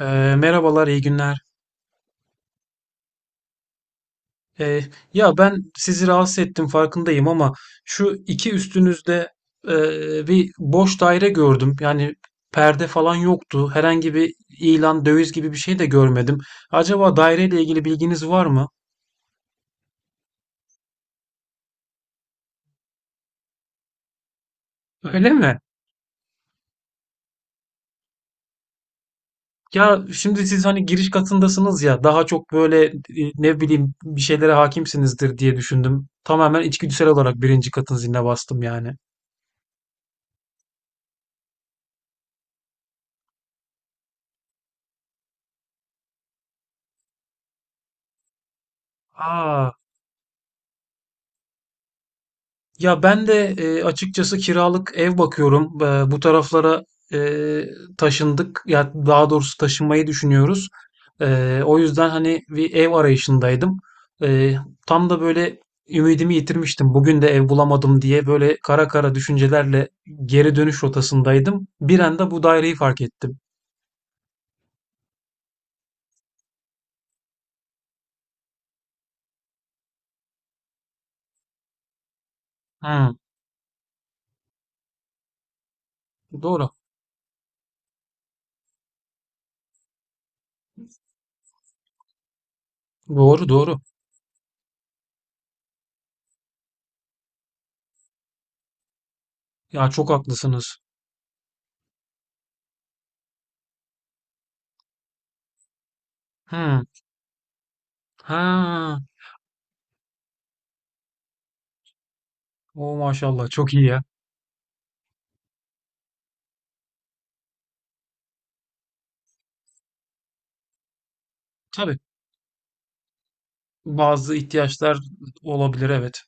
Ee, Merhabalar, iyi günler. Ee, Ya ben sizi rahatsız ettim, farkındayım, ama şu iki üstünüzde e, bir boş daire gördüm. Yani perde falan yoktu. Herhangi bir ilan, döviz gibi bir şey de görmedim. Acaba daireyle ilgili bilginiz var mı? Öyle mi? Ya şimdi siz hani giriş katındasınız ya, daha çok böyle ne bileyim bir şeylere hakimsinizdir diye düşündüm. Tamamen içgüdüsel olarak birinci katın ziline bastım yani. Aa, ya ben de açıkçası kiralık ev bakıyorum. Bu taraflara e, taşındık. Ya daha doğrusu taşınmayı düşünüyoruz. O yüzden hani bir ev arayışındaydım. E, Tam da böyle ümidimi yitirmiştim. Bugün de ev bulamadım diye böyle kara kara düşüncelerle geri dönüş rotasındaydım. Bir anda bu daireyi fark ettim. Hmm, doğru. Doğru, doğru. Ya, çok haklısınız. Hmm. Ha, o maşallah, çok iyi ya. Tabii, bazı ihtiyaçlar olabilir, evet.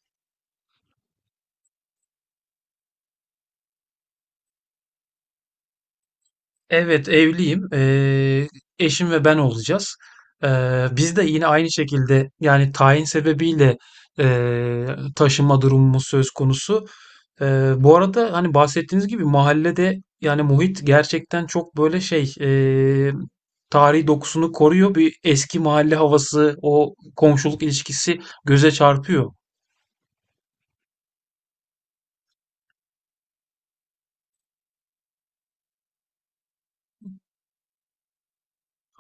Evet, evliyim. Eşim ve ben olacağız. Biz de yine aynı şekilde, yani tayin sebebiyle taşınma durumumuz söz konusu. Bu arada hani, bahsettiğiniz gibi mahallede, yani muhit gerçekten çok böyle şey tarihi dokusunu koruyor. Bir eski mahalle havası, o komşuluk ilişkisi göze çarpıyor.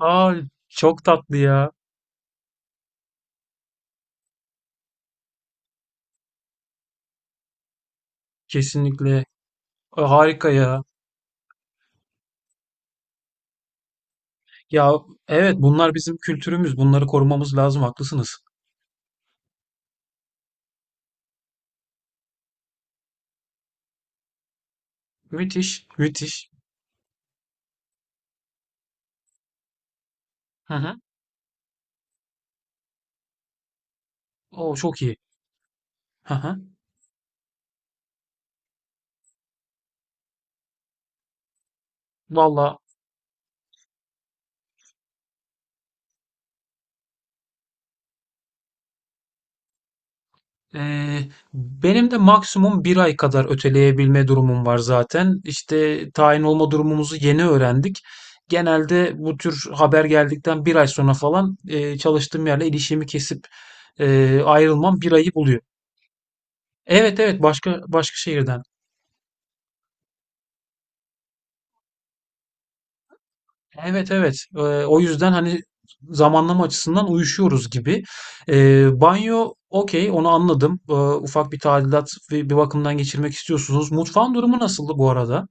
Aa, çok tatlı ya. Kesinlikle. Harika ya. Ya evet, bunlar bizim kültürümüz. Bunları korumamız lazım. Haklısınız. Müthiş, müthiş. Hı hı. O çok iyi. Hı hı. Valla, eee, benim de maksimum bir ay kadar öteleyebilme durumum var zaten. İşte tayin olma durumumuzu yeni öğrendik. Genelde bu tür haber geldikten bir ay sonra falan çalıştığım yerle ilişkimi kesip ayrılmam bir ayı buluyor. Evet, evet, başka başka şehirden. Evet, evet. O yüzden hani zamanlama açısından uyuşuyoruz gibi. Banyo okey, onu anladım. Ufak bir tadilat ve bir bakımdan geçirmek istiyorsunuz. Mutfağın durumu nasıldı bu arada?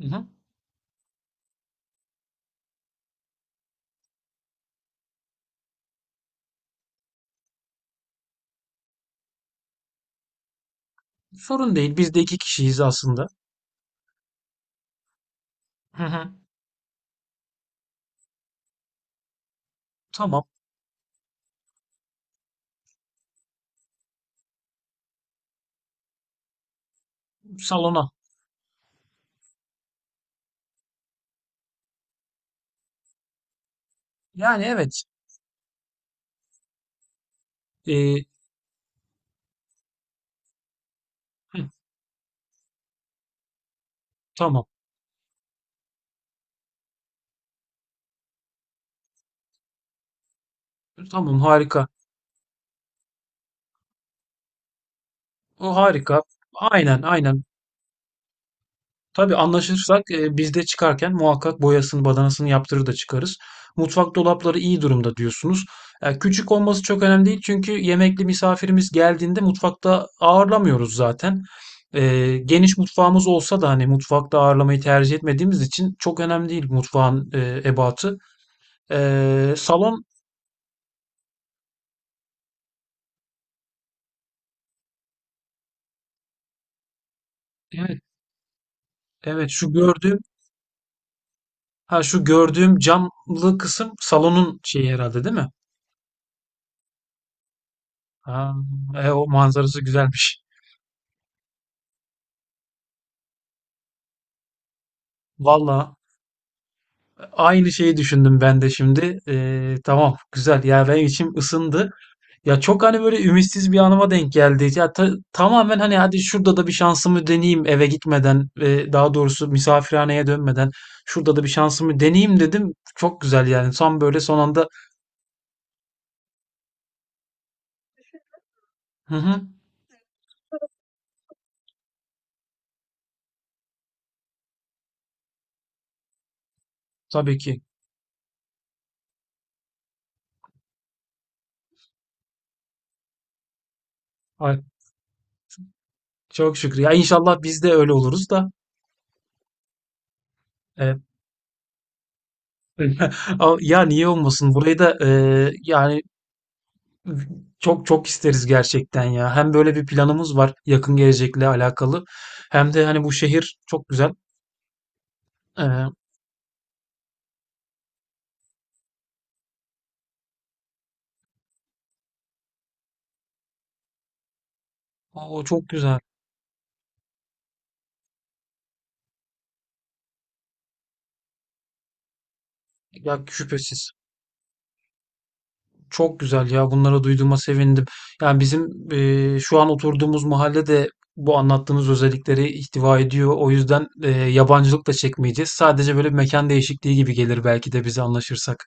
Hı hı. Sorun değil. Biz de iki kişiyiz aslında. Hı hı. Tamam. Salona. Yani evet. Ee, hı, tamam. Tamam, harika. O harika. Aynen, aynen. Tabii, anlaşırsak biz de çıkarken muhakkak boyasını, badanasını yaptırır da çıkarız. Mutfak dolapları iyi durumda diyorsunuz. Küçük olması çok önemli değil çünkü yemekli misafirimiz geldiğinde mutfakta ağırlamıyoruz zaten. Geniş mutfağımız olsa da hani, mutfakta ağırlamayı tercih etmediğimiz için çok önemli değil mutfağın ebatı. Salon, evet, evet, şu gördüğüm, ha şu gördüğüm camlı kısım salonun şeyi herhalde değil mi? Ha, o manzarası güzelmiş. Valla, aynı şeyi düşündüm ben de şimdi. Tamam, güzel ya, benim içim ısındı. Ya çok hani böyle ümitsiz bir anıma denk geldi. Ya tamamen hani, hadi şurada da bir şansımı deneyeyim eve gitmeden ve daha doğrusu misafirhaneye dönmeden şurada da bir şansımı deneyeyim dedim. Çok güzel yani, son böyle son anda. Hı hı, tabii ki. Ay, çok şükür. Ya inşallah biz de öyle oluruz da. Ee, Ama ya, niye olmasın? Burayı da yani, çok çok isteriz gerçekten ya. Hem böyle bir planımız var yakın gelecekle alakalı. Hem de hani bu şehir çok güzel. Ee, O çok güzel. Ya şüphesiz. Çok güzel ya. Bunları duyduğuma sevindim. Yani bizim şu an oturduğumuz mahalle de bu anlattığınız özellikleri ihtiva ediyor. O yüzden yabancılık da çekmeyeceğiz. Sadece böyle bir mekan değişikliği gibi gelir belki de bize, anlaşırsak.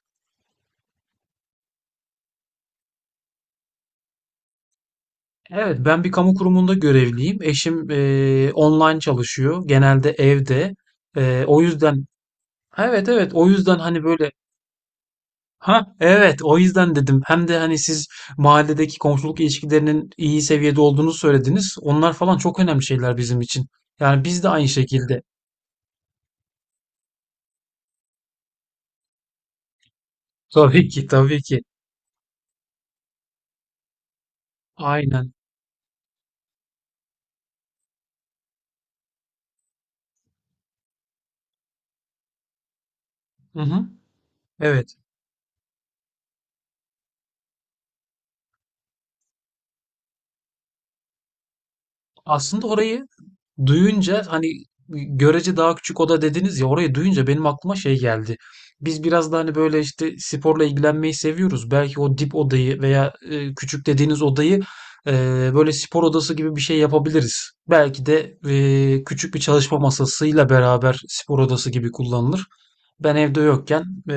Evet, ben bir kamu kurumunda görevliyim. Eşim online çalışıyor. Genelde evde. O yüzden, evet evet, o yüzden hani böyle, ha evet, o yüzden dedim. Hem de hani siz mahalledeki komşuluk ilişkilerinin iyi seviyede olduğunu söylediniz. Onlar falan çok önemli şeyler bizim için. Yani biz de aynı şekilde. Tabii ki, tabii ki. Aynen. Hı hı. Evet. Aslında orayı duyunca hani, görece daha küçük oda dediniz ya, orayı duyunca benim aklıma şey geldi. Biz biraz da hani böyle işte sporla ilgilenmeyi seviyoruz. Belki o dip odayı veya küçük dediğiniz odayı e, böyle spor odası gibi bir şey yapabiliriz. Belki de küçük bir çalışma masasıyla beraber spor odası gibi kullanılır. Ben evde yokken e,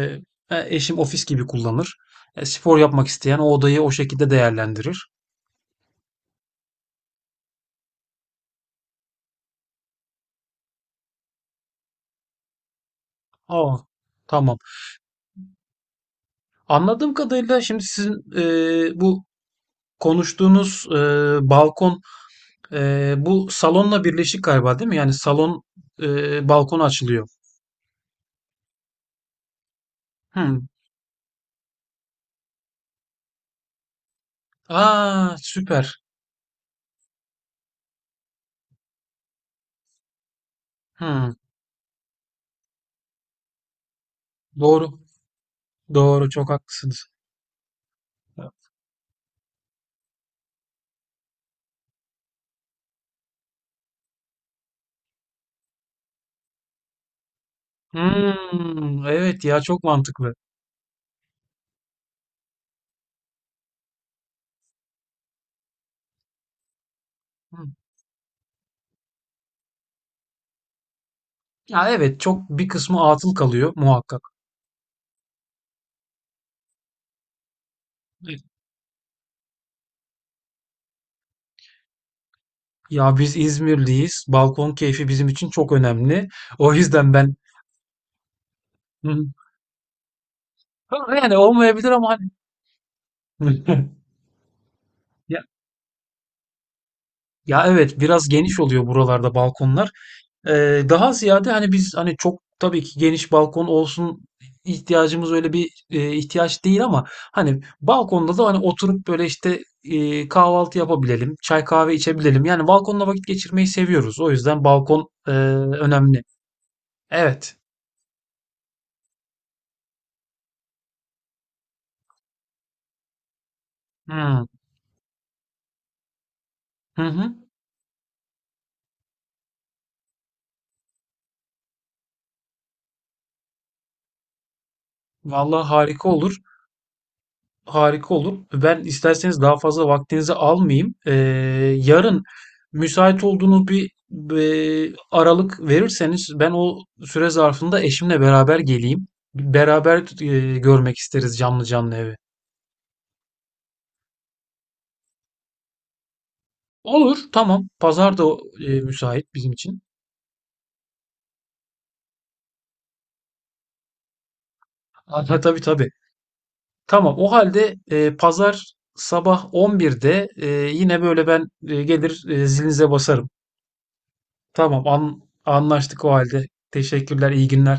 eşim ofis gibi kullanır. Spor yapmak isteyen o odayı o şekilde değerlendirir. Aa, tamam. Anladığım kadarıyla şimdi sizin bu konuştuğunuz balkon, bu salonla birleşik galiba, değil mi? Yani salon balkona açılıyor. Hmm. Aa, süper. Hmm. Doğru. Doğru. Çok haklısınız. Hmm. Evet ya, çok mantıklı. Hmm. Ya evet, çok bir kısmı atıl kalıyor muhakkak. Evet. Ya biz İzmirliyiz. Balkon keyfi bizim için çok önemli. O yüzden ben. Hmm. Ha, yani olmayabilir ama hani Ya, ya, evet biraz geniş oluyor buralarda balkonlar. Daha ziyade hani biz hani çok tabii ki geniş balkon olsun, ihtiyacımız öyle bir ihtiyaç değil ama hani balkonda da hani oturup böyle işte kahvaltı yapabilelim, çay kahve içebilelim. Yani balkonda vakit geçirmeyi seviyoruz. O yüzden balkon önemli. Evet. Hmm. Hı hı. Vallahi harika olur. Harika olur. Ben isterseniz daha fazla vaktinizi almayayım. Yarın müsait olduğunuz bir aralık verirseniz ben o süre zarfında eşimle beraber geleyim. Beraber görmek isteriz canlı canlı evi. Olur, tamam. Pazar da müsait bizim için. Ha, tabii tabii. Tamam. O halde pazar sabah 11'de, yine böyle ben gelir, zilinize basarım. Tamam, anlaştık o halde. Teşekkürler, iyi günler.